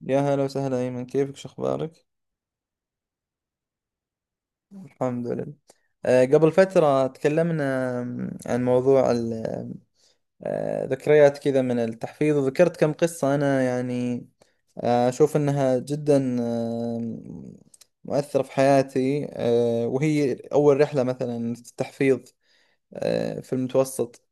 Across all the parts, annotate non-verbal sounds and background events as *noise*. يا هلا وسهلا أيمن، كيفك؟ شو أخبارك؟ الحمد لله. قبل فترة تكلمنا، آم، عن موضوع ال- آم، آه، ذكريات كذا من التحفيظ، وذكرت كم قصة. أنا يعني أشوف أنها جدا مؤثرة في حياتي، وهي أول رحلة مثلا في التحفيظ في المتوسط.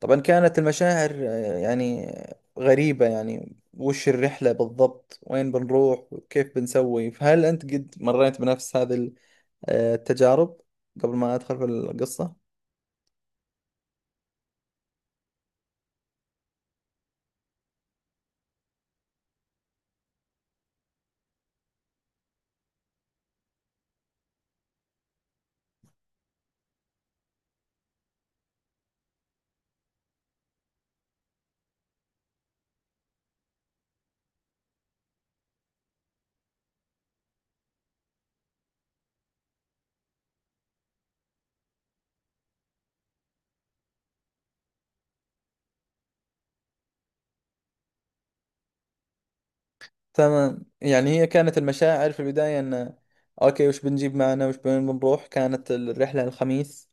طبعا كانت المشاعر يعني غريبة. يعني وش الرحلة بالضبط؟ وين بنروح؟ وكيف بنسوي؟ فهل أنت قد مريت بنفس هذه التجارب قبل ما أدخل في القصة؟ تمام. يعني هي كانت المشاعر في البداية أن أوكي، وش بنجيب معنا؟ وش وين بنروح؟ كانت الرحلة الخميس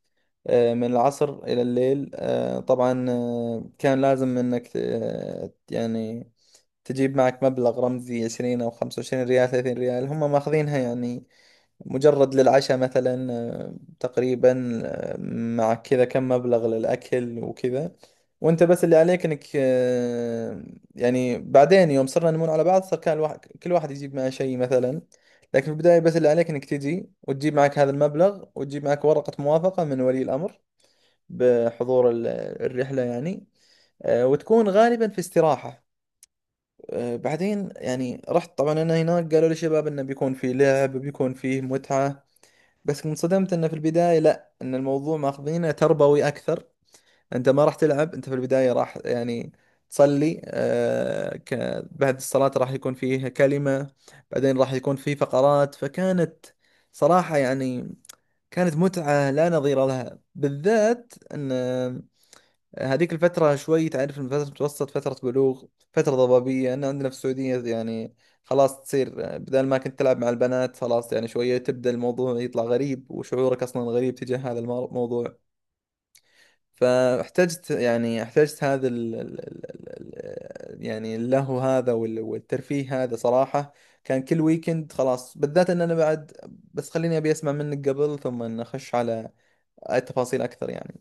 من العصر إلى الليل. طبعا كان لازم أنك يعني تجيب معك مبلغ رمزي 20 أو 25 ريال، 30 ريال، هم ماخذينها يعني مجرد للعشاء مثلا. تقريبا مع كذا كم مبلغ للأكل وكذا. وانت بس اللي عليك انك يعني بعدين يوم صرنا نمون على بعض، صار كان الواحد كل واحد يجيب معه شيء مثلا. لكن في البداية بس اللي عليك انك تجي وتجيب معك هذا المبلغ، وتجيب معك ورقة موافقة من ولي الأمر بحضور الرحلة يعني. وتكون غالبا في استراحة. بعدين يعني رحت طبعا انا هناك، قالوا لي شباب انه بيكون في لعب، بيكون فيه متعة. بس انصدمت انه في البداية لا، ان الموضوع ماخذينه تربوي اكثر. انت ما راح تلعب، انت في البداية راح يعني تصلي. بعد الصلاة راح يكون فيه كلمة، بعدين راح يكون فيه فقرات. فكانت صراحة يعني كانت متعة لا نظير لها، بالذات ان هذيك الفترة شوي، تعرف إن فترة متوسط، فترة بلوغ، فترة ضبابية. أنا عندنا في السعودية يعني خلاص تصير بدل ما كنت تلعب مع البنات، خلاص يعني شوية تبدأ الموضوع يطلع غريب، وشعورك أصلا غريب تجاه هذا الموضوع. فاحتجت، يعني احتجت هذا ال ال ال ال يعني اللهو هذا والترفيه هذا. صراحة كان كل ويكند خلاص، بالذات ان انا بعد. بس خليني ابي اسمع منك قبل، ثم ان اخش على التفاصيل اكثر يعني.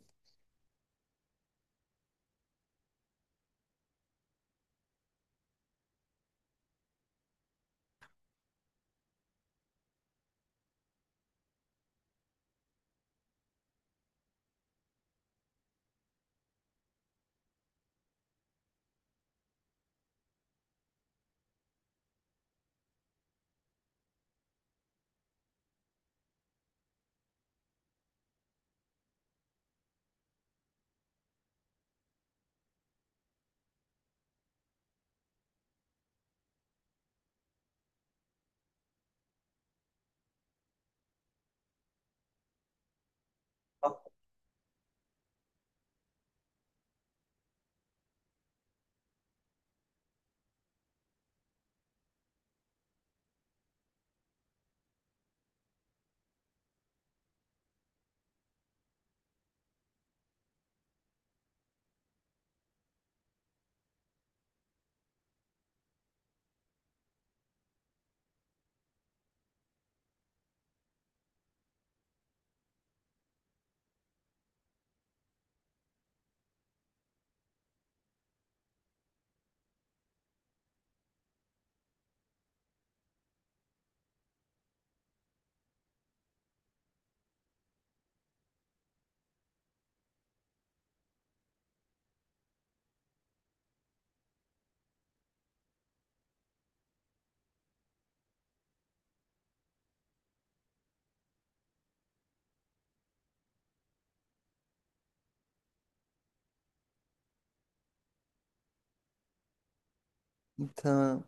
تمام.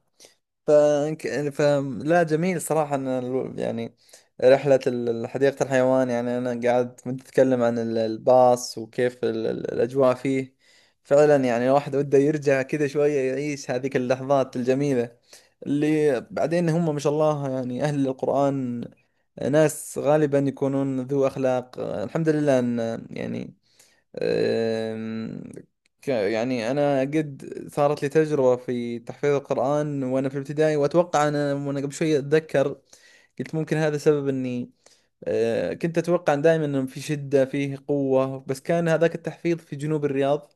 ف... فلا، جميل صراحة، أن يعني رحلة حديقة الحيوان، يعني أنا قاعد كنت أتكلم عن الباص وكيف الأجواء فيه. فعلا يعني الواحد وده يرجع كذا شوية، يعيش هذيك اللحظات الجميلة، اللي بعدين هم ما شاء الله. يعني أهل القرآن ناس غالبا يكونون ذو أخلاق، الحمد لله أن يعني أم، يعني أنا قد صارت لي تجربة في تحفيظ القرآن وأنا في الابتدائي، وأتوقع أنا وأنا قبل شوي أتذكر، قلت ممكن هذا سبب إني كنت أتوقع دائما إنه في شدة، فيه قوة. بس كان هذاك التحفيظ في جنوب الرياض.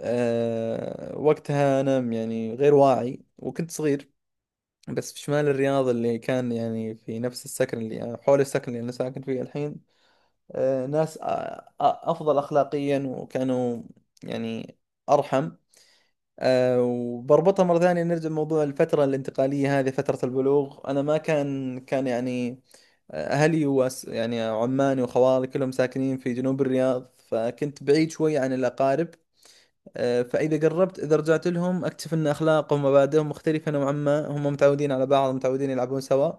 وقتها أنا يعني غير واعي وكنت صغير. بس في شمال الرياض اللي كان يعني في نفس السكن، اللي حول السكن اللي أنا ساكن فيه الحين، ناس أفضل أخلاقيا، وكانوا يعني أرحم. وبربطها مرة ثانية نرجع لموضوع الفترة الانتقالية هذه، فترة البلوغ. أنا ما كان يعني أهلي يعني عماني وخوالي كلهم ساكنين في جنوب الرياض، فكنت بعيد شوي عن الأقارب. فإذا قربت، إذا رجعت لهم، أكتشف أن أخلاقهم ومبادئهم مختلفة نوعا ما. هم متعودين على بعض، متعودين يلعبون سوا.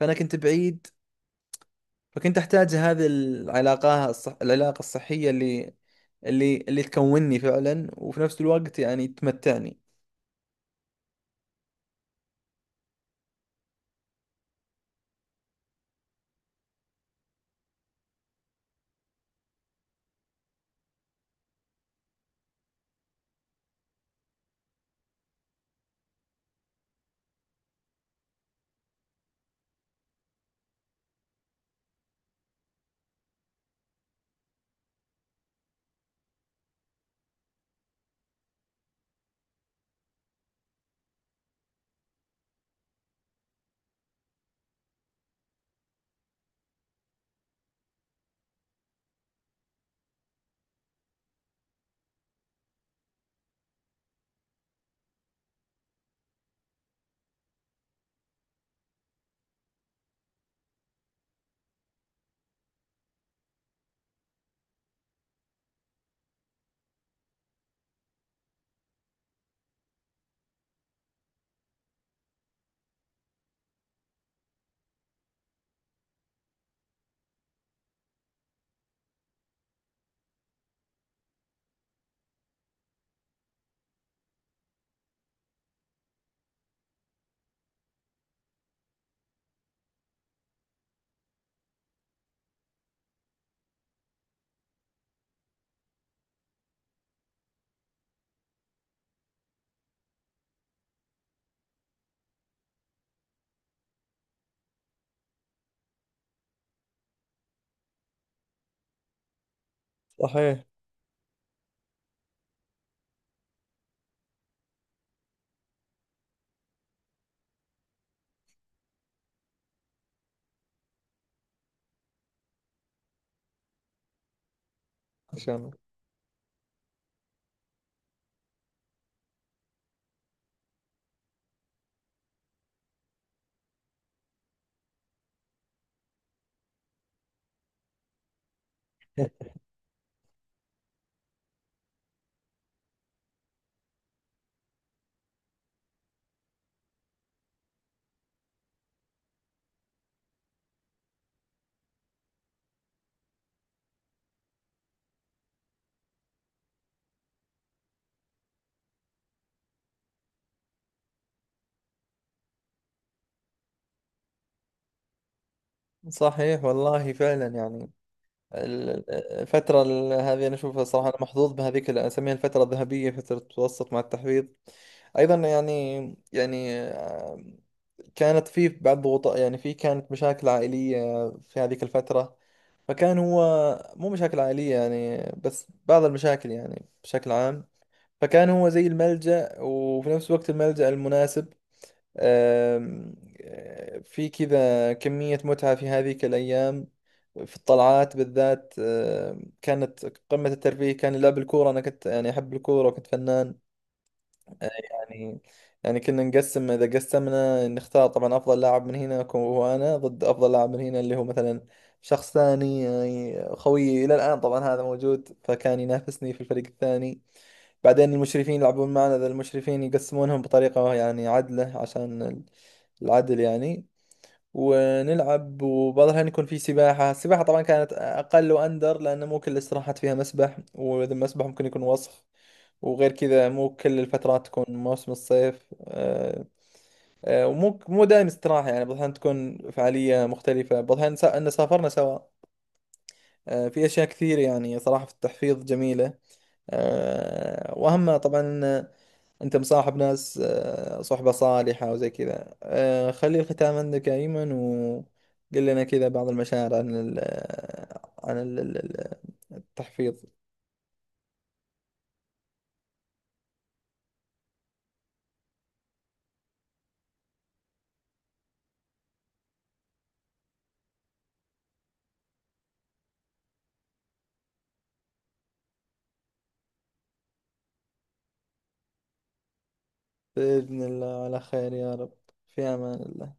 فأنا كنت بعيد، فكنت احتاج هذه العلاقة الصحية اللي تكونني فعلا، وفي نفس الوقت يعني تمتعني. صحيح. عشان. *laughs* صحيح والله فعلا. يعني ال- ال- الفترة هذه أنا أشوفها صراحة. أنا محظوظ بهذيك اللي أسميها الفترة الذهبية، فترة متوسط مع التحفيظ أيضا يعني. يعني كانت في بعض ضغوطات، يعني في كانت مشاكل عائلية في هذيك الفترة، فكان هو... مو مشاكل عائلية يعني، بس بعض المشاكل يعني بشكل عام. فكان هو زي الملجأ، وفي نفس الوقت الملجأ المناسب. آم، آه، في كذا كمية متعة في هذيك الأيام، في الطلعات بالذات. كانت قمة الترفيه كان لعب الكورة. أنا كنت يعني أحب الكورة وكنت فنان يعني. يعني كنا نقسم. اذا قسمنا نختار طبعا افضل لاعب من هنا أكون هو انا، ضد افضل لاعب من هنا اللي هو مثلا شخص ثاني، يعني خويي الى الان طبعا هذا موجود، فكان ينافسني في الفريق الثاني. بعدين المشرفين يلعبون معنا، ذا المشرفين يقسمونهم بطريقة يعني عدلة، عشان العدل يعني. ونلعب، وبعض الأحيان يكون في سباحة. السباحة طبعا كانت أقل وأندر، لأن مو كل الاستراحات فيها مسبح، وإذا مسبح ممكن يكون وسخ. وغير كذا مو كل الفترات تكون موسم الصيف. ومو دائم استراحة، يعني بعض الأحيان تكون فعالية مختلفة، بعض الأحيان أن سافرنا سوا. في أشياء كثير يعني صراحة في التحفيظ جميلة، وأهمها طبعا انت مصاحب ناس صحبة صالحة وزي كذا. خلي الختام عندك يا ايمن، وقل لنا كذا بعض المشاعر عن ال آه، عن التحفيظ. بإذن الله على خير يا رب. في امان الله.